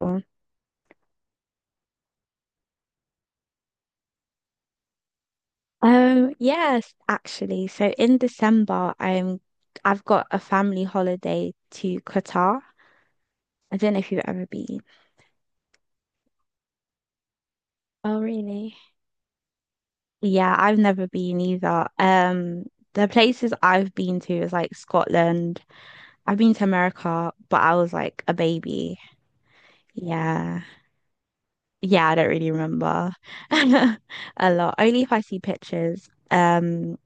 Oh. Yes, actually. So in December, I've got a family holiday to Qatar. I don't know if you've ever been. Oh, really? Yeah, I've never been either. The places I've been to is like Scotland. I've been to America, but I was like a baby. Yeah. Yeah, I don't really remember a lot. Only if I see pictures.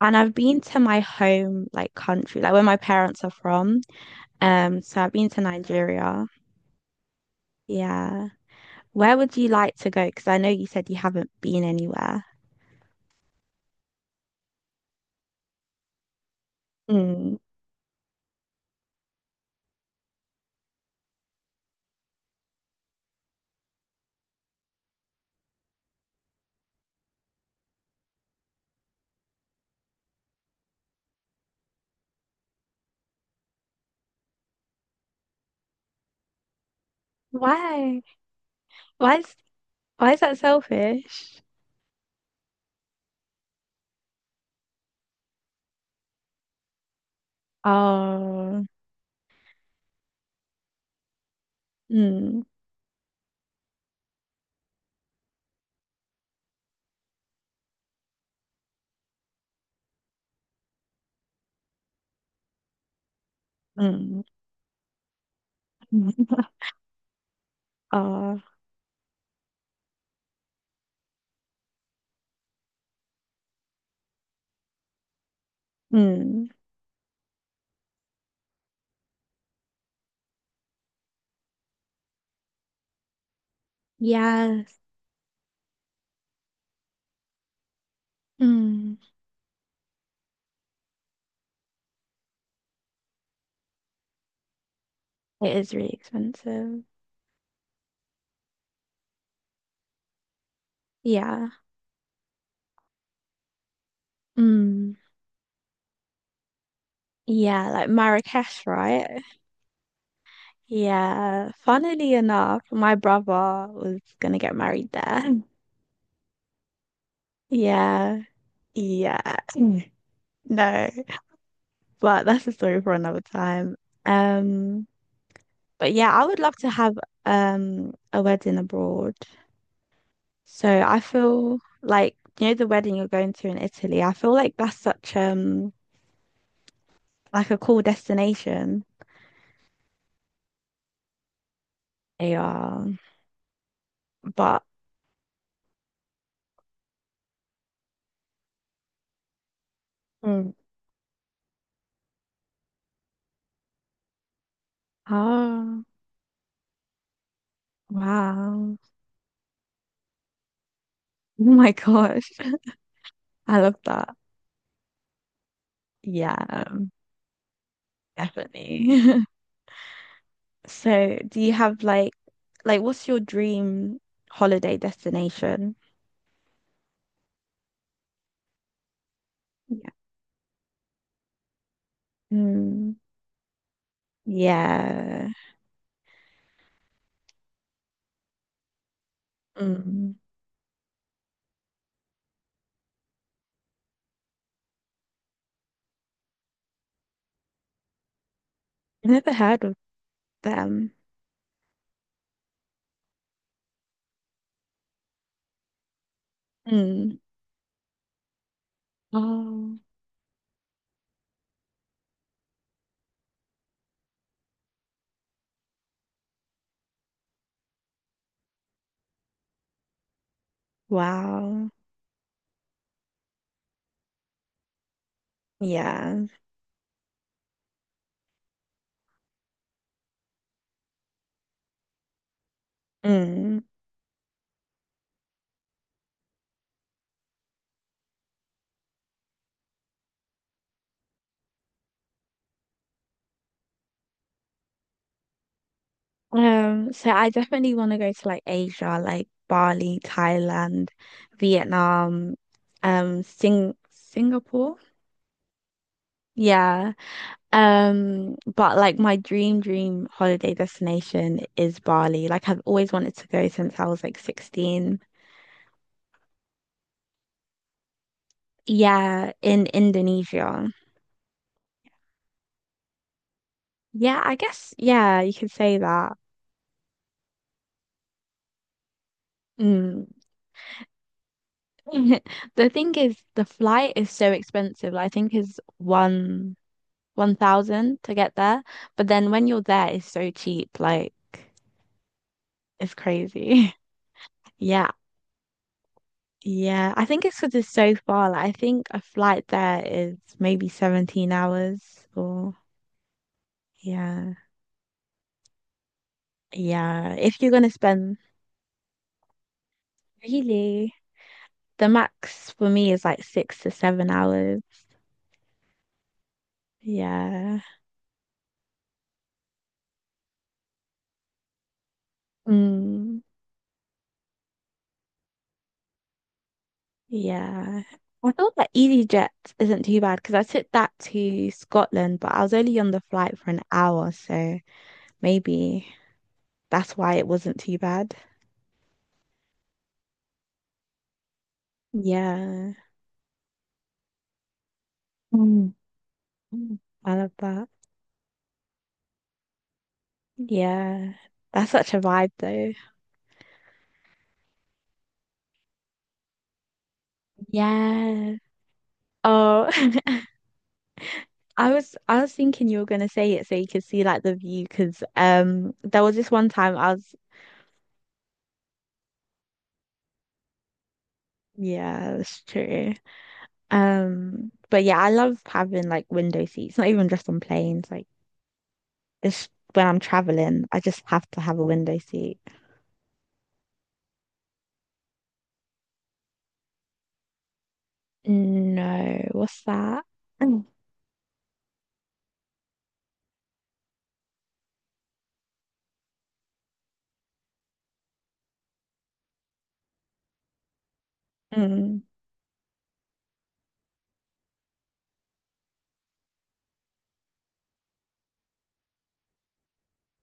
And I've been to my home like country, like where my parents are from. So I've been to Nigeria. Yeah. Where would you like to go? Because I know you said you haven't been anywhere. Mm. Why? Why is why is that selfish? Oh. Mm. Mm. Oh. Mm. Yes. Mm. It is really expensive. Yeah. Mm. Yeah, like Marrakesh, right? Yeah. Funnily enough, my brother was gonna get married there. Yeah. Yeah. Mm. No, but that's a story for another time. Um, but yeah, I would love to have a wedding abroad. So I feel like you know the wedding you're going to in Italy. I feel like that's such like a cool destination. Yeah, but Mm. Oh, wow, oh my gosh, I love that. Yeah, definitely. So, do you have like what's your dream holiday destination? Yeah. Mm, yeah. Mm. Never heard of them. Mm. Oh, wow. Yeah. Mm. So I definitely want to go to like Asia, like Bali, Thailand, Vietnam, Singapore. Yeah. But like my dream holiday destination is Bali. Like I've always wanted to go since I was like 16. Yeah, in Indonesia. Yeah, I guess yeah, you could say that. Mm. The thing is the flight is so expensive. Like, I think is one 1,000 to get there, but then when you're there it's so cheap, like it's crazy. Yeah. Yeah, I think it's because it's so far. Like, I think a flight there is maybe 17 hours or yeah. Yeah. If you're gonna spend really, the max for me is like 6 to 7 hours. Yeah. Mm, yeah. I thought that EasyJet isn't too bad because I took that to Scotland, but I was only on the flight for an hour, so maybe that's why it wasn't too bad. Yeah. Mm. I love that. Yeah. That's such a vibe though. Yeah. Oh, I was thinking you were gonna say it so you could see like the view because there was this one time I was yeah, that's true. But yeah, I love having like window seats, not even just on planes, like it's when I'm traveling, I just have to have a window seat. No, what's that? Mm, mm,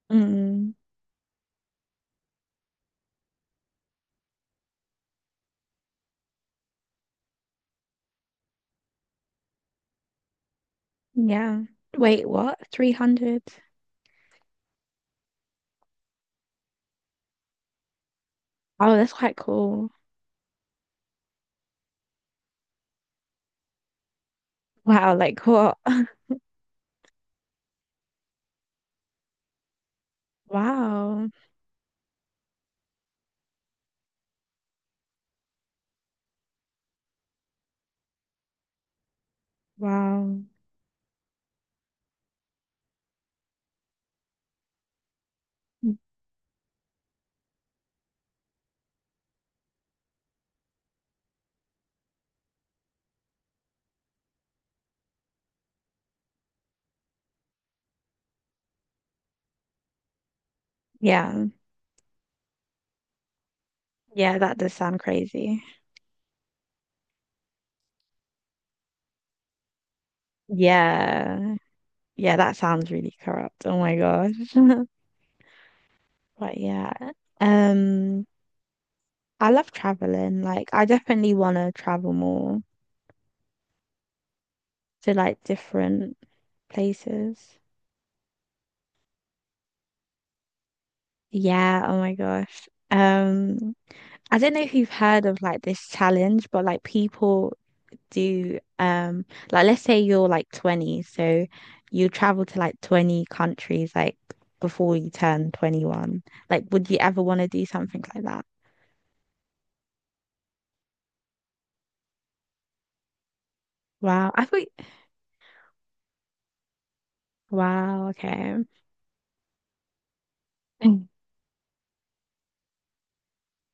mm, yeah. Wait, what? 300? Oh, that's quite cool. Wow, like what? Wow. Wow. Yeah. Yeah, that does sound crazy. Yeah. Yeah, that sounds really corrupt. Oh my gosh. But yeah. Um, I love traveling. Like I definitely want to travel more to like different places. Yeah, oh my gosh. I don't know if you've heard of like this challenge, but like people do like let's say you're like 20, so you travel to like 20 countries like before you turn 21. Like would you ever want to do something like that? Wow. I thought Wow, okay. Mm.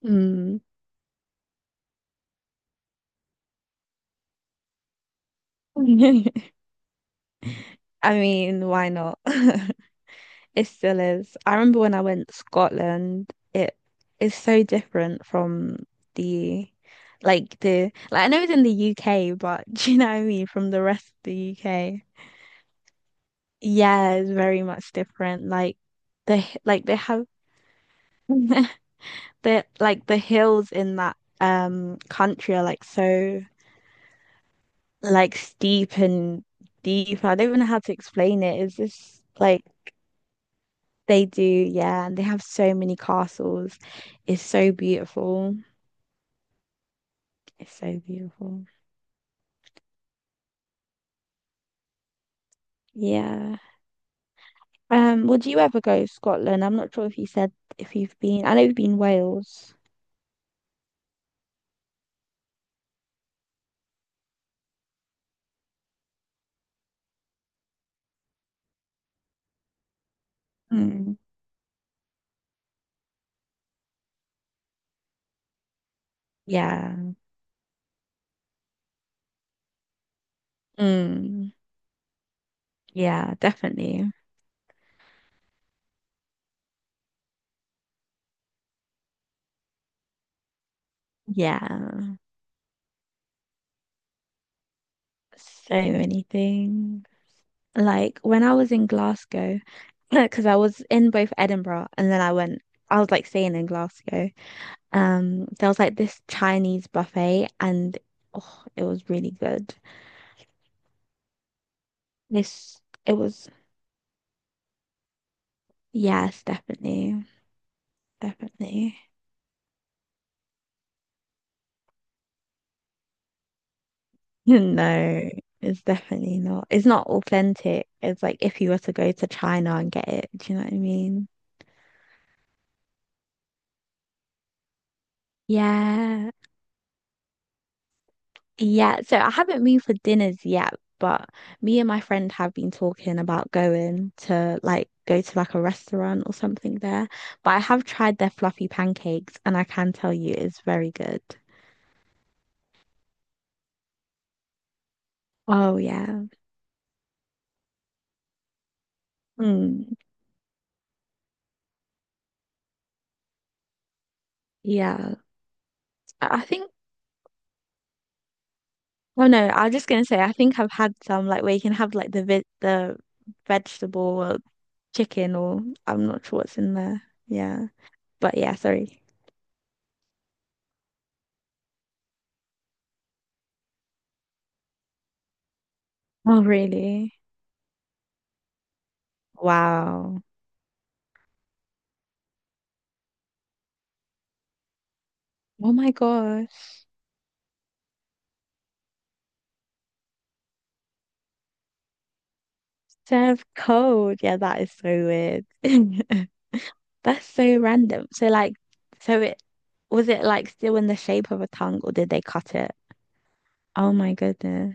I mean, why not? It still is. I remember when I went to Scotland, it is so different from the like I know it's in the UK, but do you know what I mean? From the rest of the UK. Yeah, it's very much different. Like like they have the like the hills in that country are like so like steep and deep. I don't even know how to explain it. It's just like they do, yeah, and they have so many castles. It's so beautiful. It's so beautiful. Yeah. Would you ever go to Scotland? I'm not sure if you said if you've been. I know you've been Wales. Mm. Yeah. Mm. Yeah, definitely. Yeah, so many things. Like when I was in Glasgow, because I was in both Edinburgh and then I went, I was like staying in Glasgow. There was like this Chinese buffet and oh, it was really good. This, it was, yes, definitely, definitely. No, it's definitely not. It's not authentic. It's like if you were to go to China and get it, do you know what I mean? Yeah. Yeah, so I haven't moved for dinners yet, but me and my friend have been talking about going to go to like a restaurant or something there. But I have tried their fluffy pancakes and I can tell you it's very good. Oh yeah. Mm, yeah. I think oh no, I was just gonna say I think I've had some like where you can have like the vegetable or chicken or I'm not sure what's in there. Yeah. But yeah, sorry. Oh really? Wow. Oh my gosh. Serve cold. Yeah, that is so weird. That's so random. So like, so it was it like still in the shape of a tongue, or did they cut it? Oh my goodness.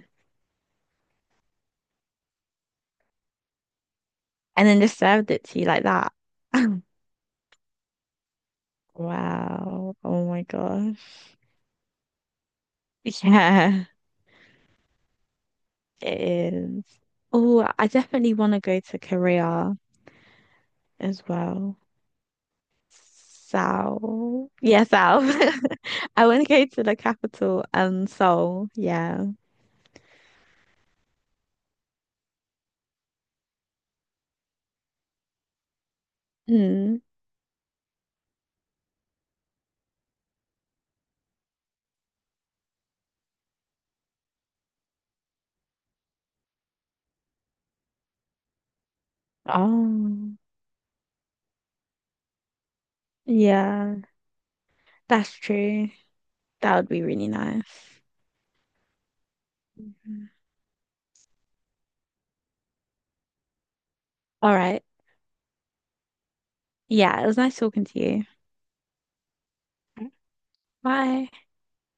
And then just served it to you like that. Wow. Oh my gosh. Yeah, it is. Oh, I definitely want to go to Korea as well. South. Yeah, South. I want to go to the capital, Seoul. Yeah. Mm. Oh, yeah, that's true. That would be really nice. Mhm. All right. Yeah, it was nice talking to you. Bye.